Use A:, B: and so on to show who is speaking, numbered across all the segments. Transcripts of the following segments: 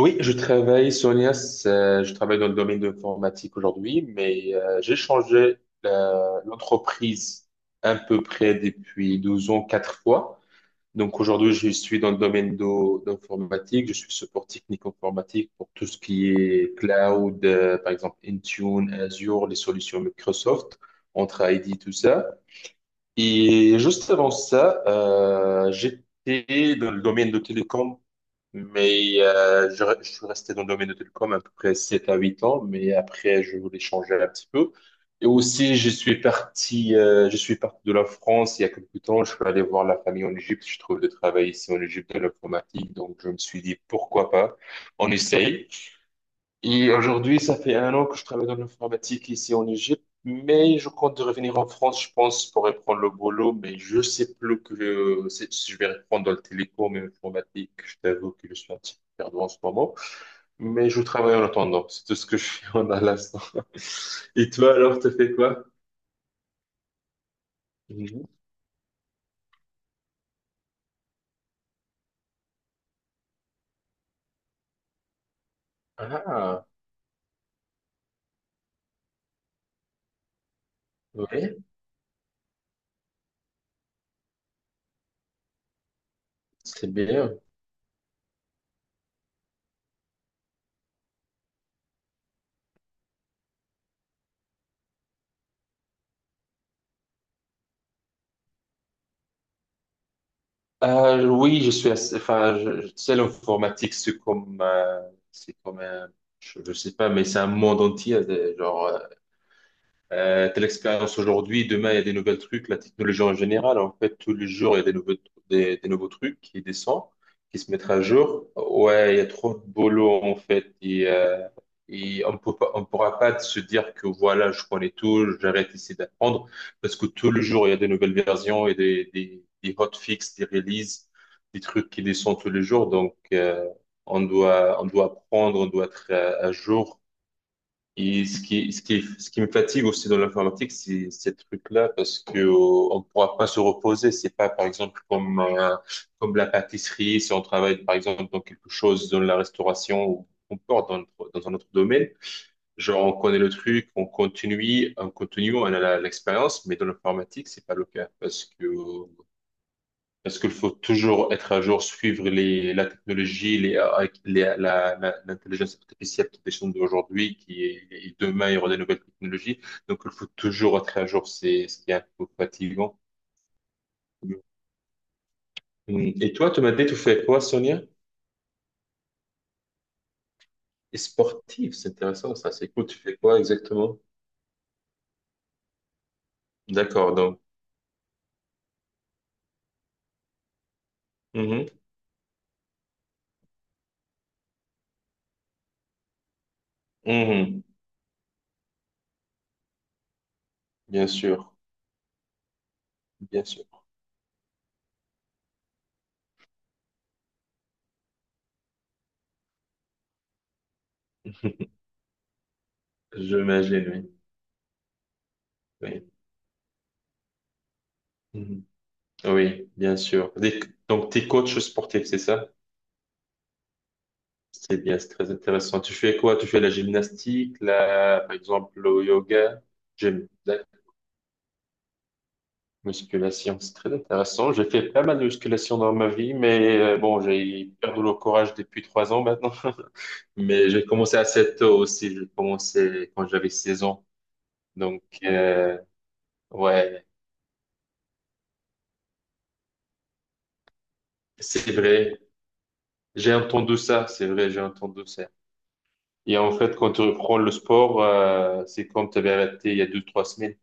A: Oui, je travaille, Sonia, je travaille dans le domaine de l'informatique aujourd'hui, mais j'ai changé l'entreprise à peu près depuis 12 ans, quatre fois. Donc aujourd'hui, je suis dans le domaine d'informatique, je suis support technique informatique pour tout ce qui est cloud, par exemple Intune, Azure, les solutions Microsoft, entre ID, tout ça. Et juste avant ça, j'étais dans le domaine de télécom, mais je suis resté dans le domaine de télécom à peu près 7 à 8 ans, mais après, je voulais changer un petit peu. Et aussi, je suis parti de la France il y a quelques temps. Je suis allé voir la famille en Égypte. Je trouve de travail ici en Égypte de l'informatique, donc je me suis dit pourquoi pas, on essaye. Et aujourd'hui, ça fait un an que je travaille dans l'informatique ici en Égypte, mais je compte de revenir en France, je pense, pour reprendre le boulot, mais je sais plus que si je vais reprendre dans le télécom et l'informatique. Je t'avoue que je suis un petit peu perdu en ce moment, mais je travaille en attendant. C'est tout ce que je fais en à l'instant. Et toi, alors, tu fais quoi? Mhm. Ah, ouais, c'est bien. Oui, je suis assez, enfin, tu sais, l'informatique, c'est comme un. Je sais pas, mais c'est un monde entier, genre, telle expérience aujourd'hui, demain il y a des nouvelles trucs, la technologie en général, en fait, tous les jours il y a des nouveaux, des nouveaux trucs qui descendent, qui se mettent à jour. Ouais, il y a trop de boulot en fait, et on peut pas, on pourra pas se dire que voilà, je connais tout, j'arrête ici d'apprendre, parce que tous les jours il y a des nouvelles versions et des hotfix, des releases, des trucs qui descendent tous les jours, donc on doit apprendre, on doit être à jour. Et ce qui me fatigue aussi dans l'informatique, c'est ces trucs-là, parce que on pourra pas se reposer. C'est pas, par exemple, comme la pâtisserie, si on travaille, par exemple, dans quelque chose, dans la restauration ou qu'on porte dans, dans un autre domaine. Genre, on connaît le truc, on continue, on continue, on a l'expérience, mais dans l'informatique, c'est pas le cas, parce qu'il faut toujours être à jour, suivre la technologie, I, l'intelligence artificielle qui descend d'aujourd'hui, qui est, et demain, il y aura des nouvelles technologies. Donc, il faut toujours être à jour. C'est ce qui est un peu fatigant. Mm. Et toi, tu m'as dit, tu fais quoi, Sonia? Et sportif, c'est intéressant, ça. C'est cool. Tu fais quoi exactement? D'accord, donc. Mhm. Mhm. Bien sûr, bien sûr. J'imagine, oui. Oui, Mhm. Oui, bien sûr. Des- Donc, tu es coach sportif, c'est ça? C'est bien, c'est très intéressant. Tu fais quoi? Tu fais la gymnastique, la, par exemple, le yoga, gym, la musculation. C'est très intéressant. J'ai fait pas mal de musculation dans ma vie, mais bon, j'ai perdu le courage depuis 3 ans maintenant. Mais j'ai commencé assez tôt aussi. J'ai commencé quand j'avais 16 ans. Donc, ouais, c'est vrai. J'ai entendu ça. C'est vrai, j'ai entendu ça. Et en fait, quand tu reprends le sport, c'est comme tu avais arrêté il y a 2, 3 semaines.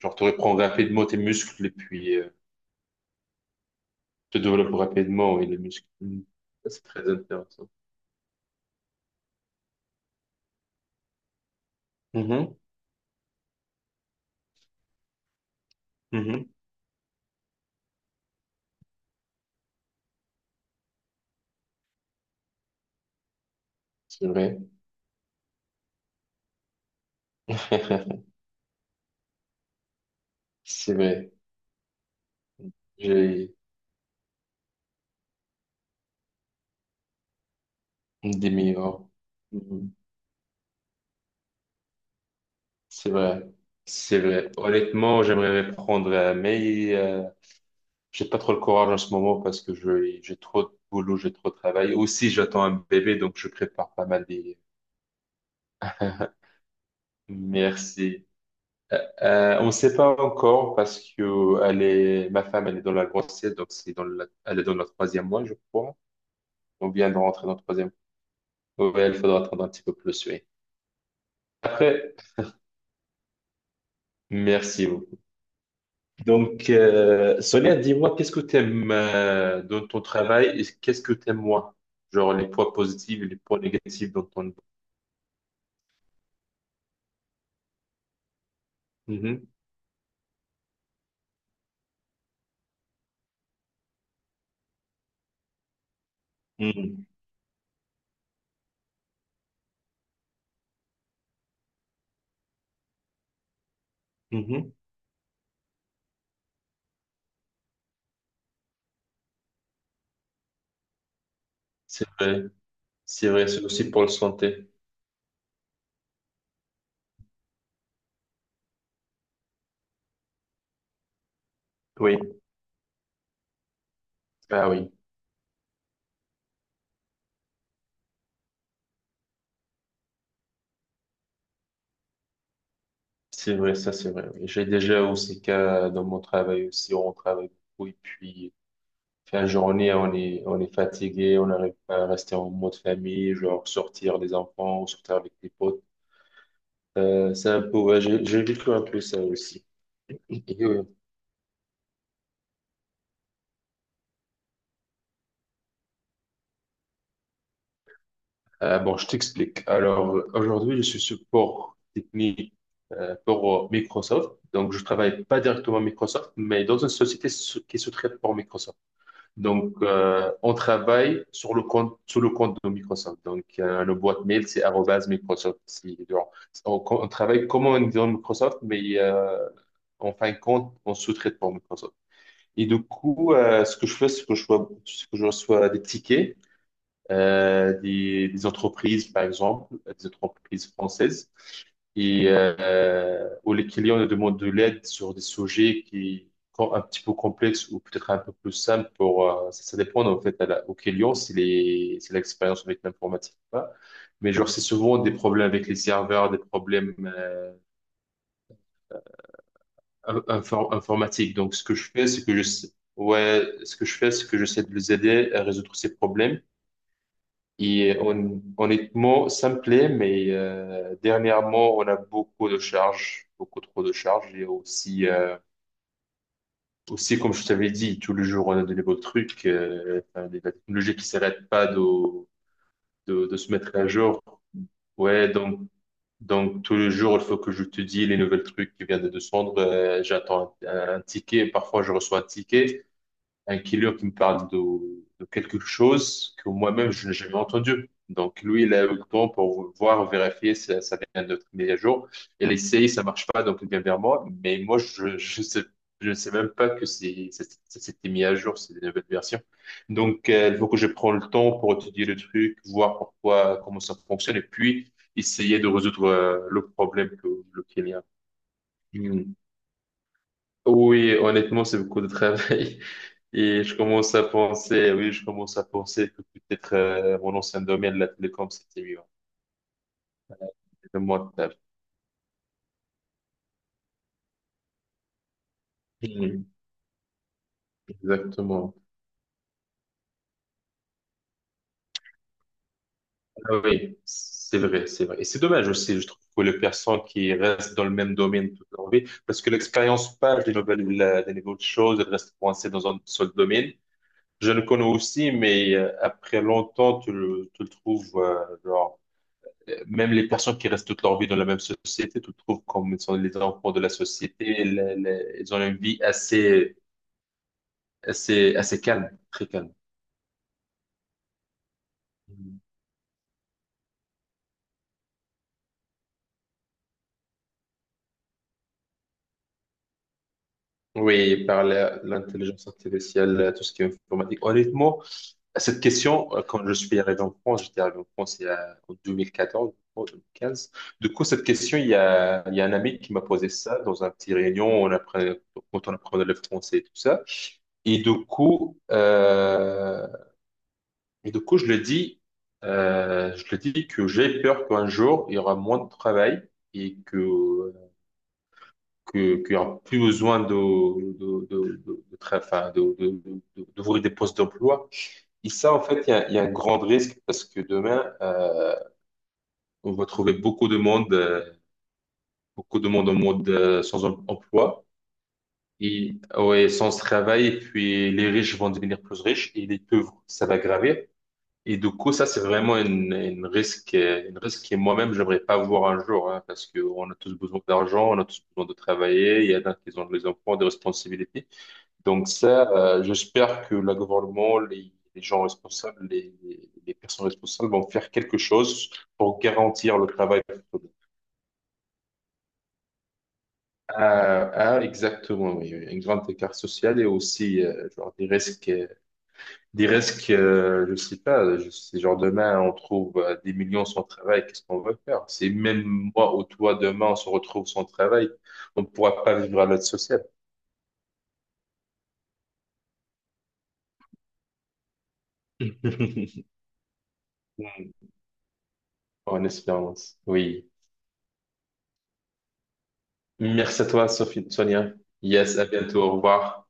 A: Genre, tu reprends rapidement tes muscles et puis se développe rapidement et les muscles. Mm. Ça, c'est très intéressant. Mhm, mhm. C'est vrai. C'est vrai. J'ai des meilleurs. Mhm. C'est vrai. C'est vrai. Honnêtement, j'aimerais reprendre, mais j'ai pas trop le courage en ce moment parce que j'ai trop de boulot, j'ai trop de travail. Aussi, j'attends un bébé, donc je prépare pas mal des... Merci. On ne sait pas encore parce que elle est, ma femme, elle est dans la grossesse, elle est dans le troisième mois, je crois. On vient de rentrer dans le troisième. Ouais, il faudra attendre un petit peu plus, oui. Après, merci beaucoup. Donc, Sonia, dis-moi, qu'est-ce que tu aimes dans ton travail et qu'est-ce que tu aimes moins? Genre les points positifs et les points négatifs dans ton... Mhm. Mhm. Mhm. C'est vrai, c'est vrai, c'est aussi pour la santé. Oui, ah oui, c'est vrai, ça c'est vrai. Oui. J'ai déjà aussi cas dans mon travail aussi, on travaille beaucoup et puis fin de journée, on est fatigué, on n'arrive pas à rester en mode famille, genre sortir les enfants ou sortir avec les potes. C'est un peu, ouais, j'ai vécu un peu ça aussi. Et, euh, bon, je t'explique. Alors, aujourd'hui, je suis support technique pour Microsoft. Donc, je travaille pas directement à Microsoft, mais dans une société qui se traite pour Microsoft. Donc, on travaille sur le compte, sous le compte de Microsoft. Donc, le boîte mail, c'est arobase Microsoft. Genre, on travaille comme on dit dans Microsoft, mais en fin de compte, on sous-traite pour Microsoft. Et du coup, ce que je fais, c'est que je reçois des tickets des entreprises, par exemple, des entreprises françaises, et où les clients nous demandent de l'aide sur des sujets qui sont un petit peu complexes ou peut-être un peu plus simples pour ça, ça dépend en fait à la, au client si les c'est l'expérience avec l'informatique ou pas. Mais genre c'est souvent des problèmes avec les serveurs, des problèmes informatiques. Donc ce que je fais, c'est que je ouais, ce que je fais, c'est que j'essaie de les aider à résoudre ces problèmes. Et honnêtement, ça me plaît, mais dernièrement, on a beaucoup de charges, beaucoup trop de charges. Et aussi, aussi comme je t'avais dit, tous les jours, on a de nouveaux trucs, enfin, la technologie qui s'arrête pas de se mettre à jour. Ouais, donc tous les jours, il faut que je te dise les nouvelles trucs qui viennent de descendre. J'attends un ticket, parfois je reçois un ticket. Un killer qui me parle de quelque chose que moi-même je n'ai jamais entendu. Donc lui, il a eu le temps pour voir, vérifier si ça vient de notre mise à jour. Il essaye, ça marche pas, donc il vient vers moi. Mais moi, je ne sais même pas que ça s'était mis à jour, c'est une nouvelle version. Donc il faut que je prenne le temps pour étudier le truc, voir pourquoi, comment ça fonctionne, et puis essayer de résoudre le problème que, le y. Hmm. Oui, honnêtement, c'est beaucoup de travail. Et je commence à penser que peut-être mon ancien domaine, la télécom, c'était mieux. Le montage. Mhm. Exactement. Ah oui, c'est vrai, c'est vrai. Et c'est dommage aussi, je trouve, pour les personnes qui restent dans le même domaine toute leur vie, parce que l'expérience passe des nouvelles, des nouvelles choses, elle reste coincée dans un seul domaine. Je le connais aussi, mais après longtemps, tu le trouves, genre, même les personnes qui restent toute leur vie dans la même société, tu trouves comme ils sont les enfants de la société, ils ont une vie assez, assez calme, très calme. Mhm. Oui, par l'intelligence artificielle, tout ce qui est informatique. Honnêtement, cette question, quand je suis arrivé en France, j'étais arrivé en France en 2014, je crois, 2015. Du coup, cette question, il y a un ami qui m'a posé ça dans un petit réunion, quand on apprenait le français et tout ça. Et du coup, euh, je le dis, que j'ai peur qu'un jour, il y aura moins de travail et qu'il y aura plus besoin de enfin, d'ouvrir des postes d'emploi. Et ça, en fait, il y a un grand risque parce que demain, on va trouver beaucoup de monde, en mode sans emploi et ouais, sans travail. Et puis, les riches vont devenir plus riches et les pauvres, ça va gravir. Et du coup, ça, c'est vraiment une risque, que moi-même, j'aimerais pas voir un jour, hein, parce que on a tous besoin d'argent, on a tous besoin de travailler, il y en a qui ont des enfants, des responsabilités. Donc ça, j'espère que le gouvernement, les gens responsables, les personnes responsables vont faire quelque chose pour garantir le travail. Ah, ah, exactement, oui, oui. Un grand écart social et aussi, genre, des risques. Des risques, je sais pas, je sais, genre demain, on trouve des millions sans travail, qu'est-ce qu'on va faire? C'est même moi ou toi, demain, on se retrouve sans travail, on ne pourra pas vivre à l'aide sociale. En espérance, oui. Merci à toi, Sophie, Sonia. Yes, à bientôt, au revoir.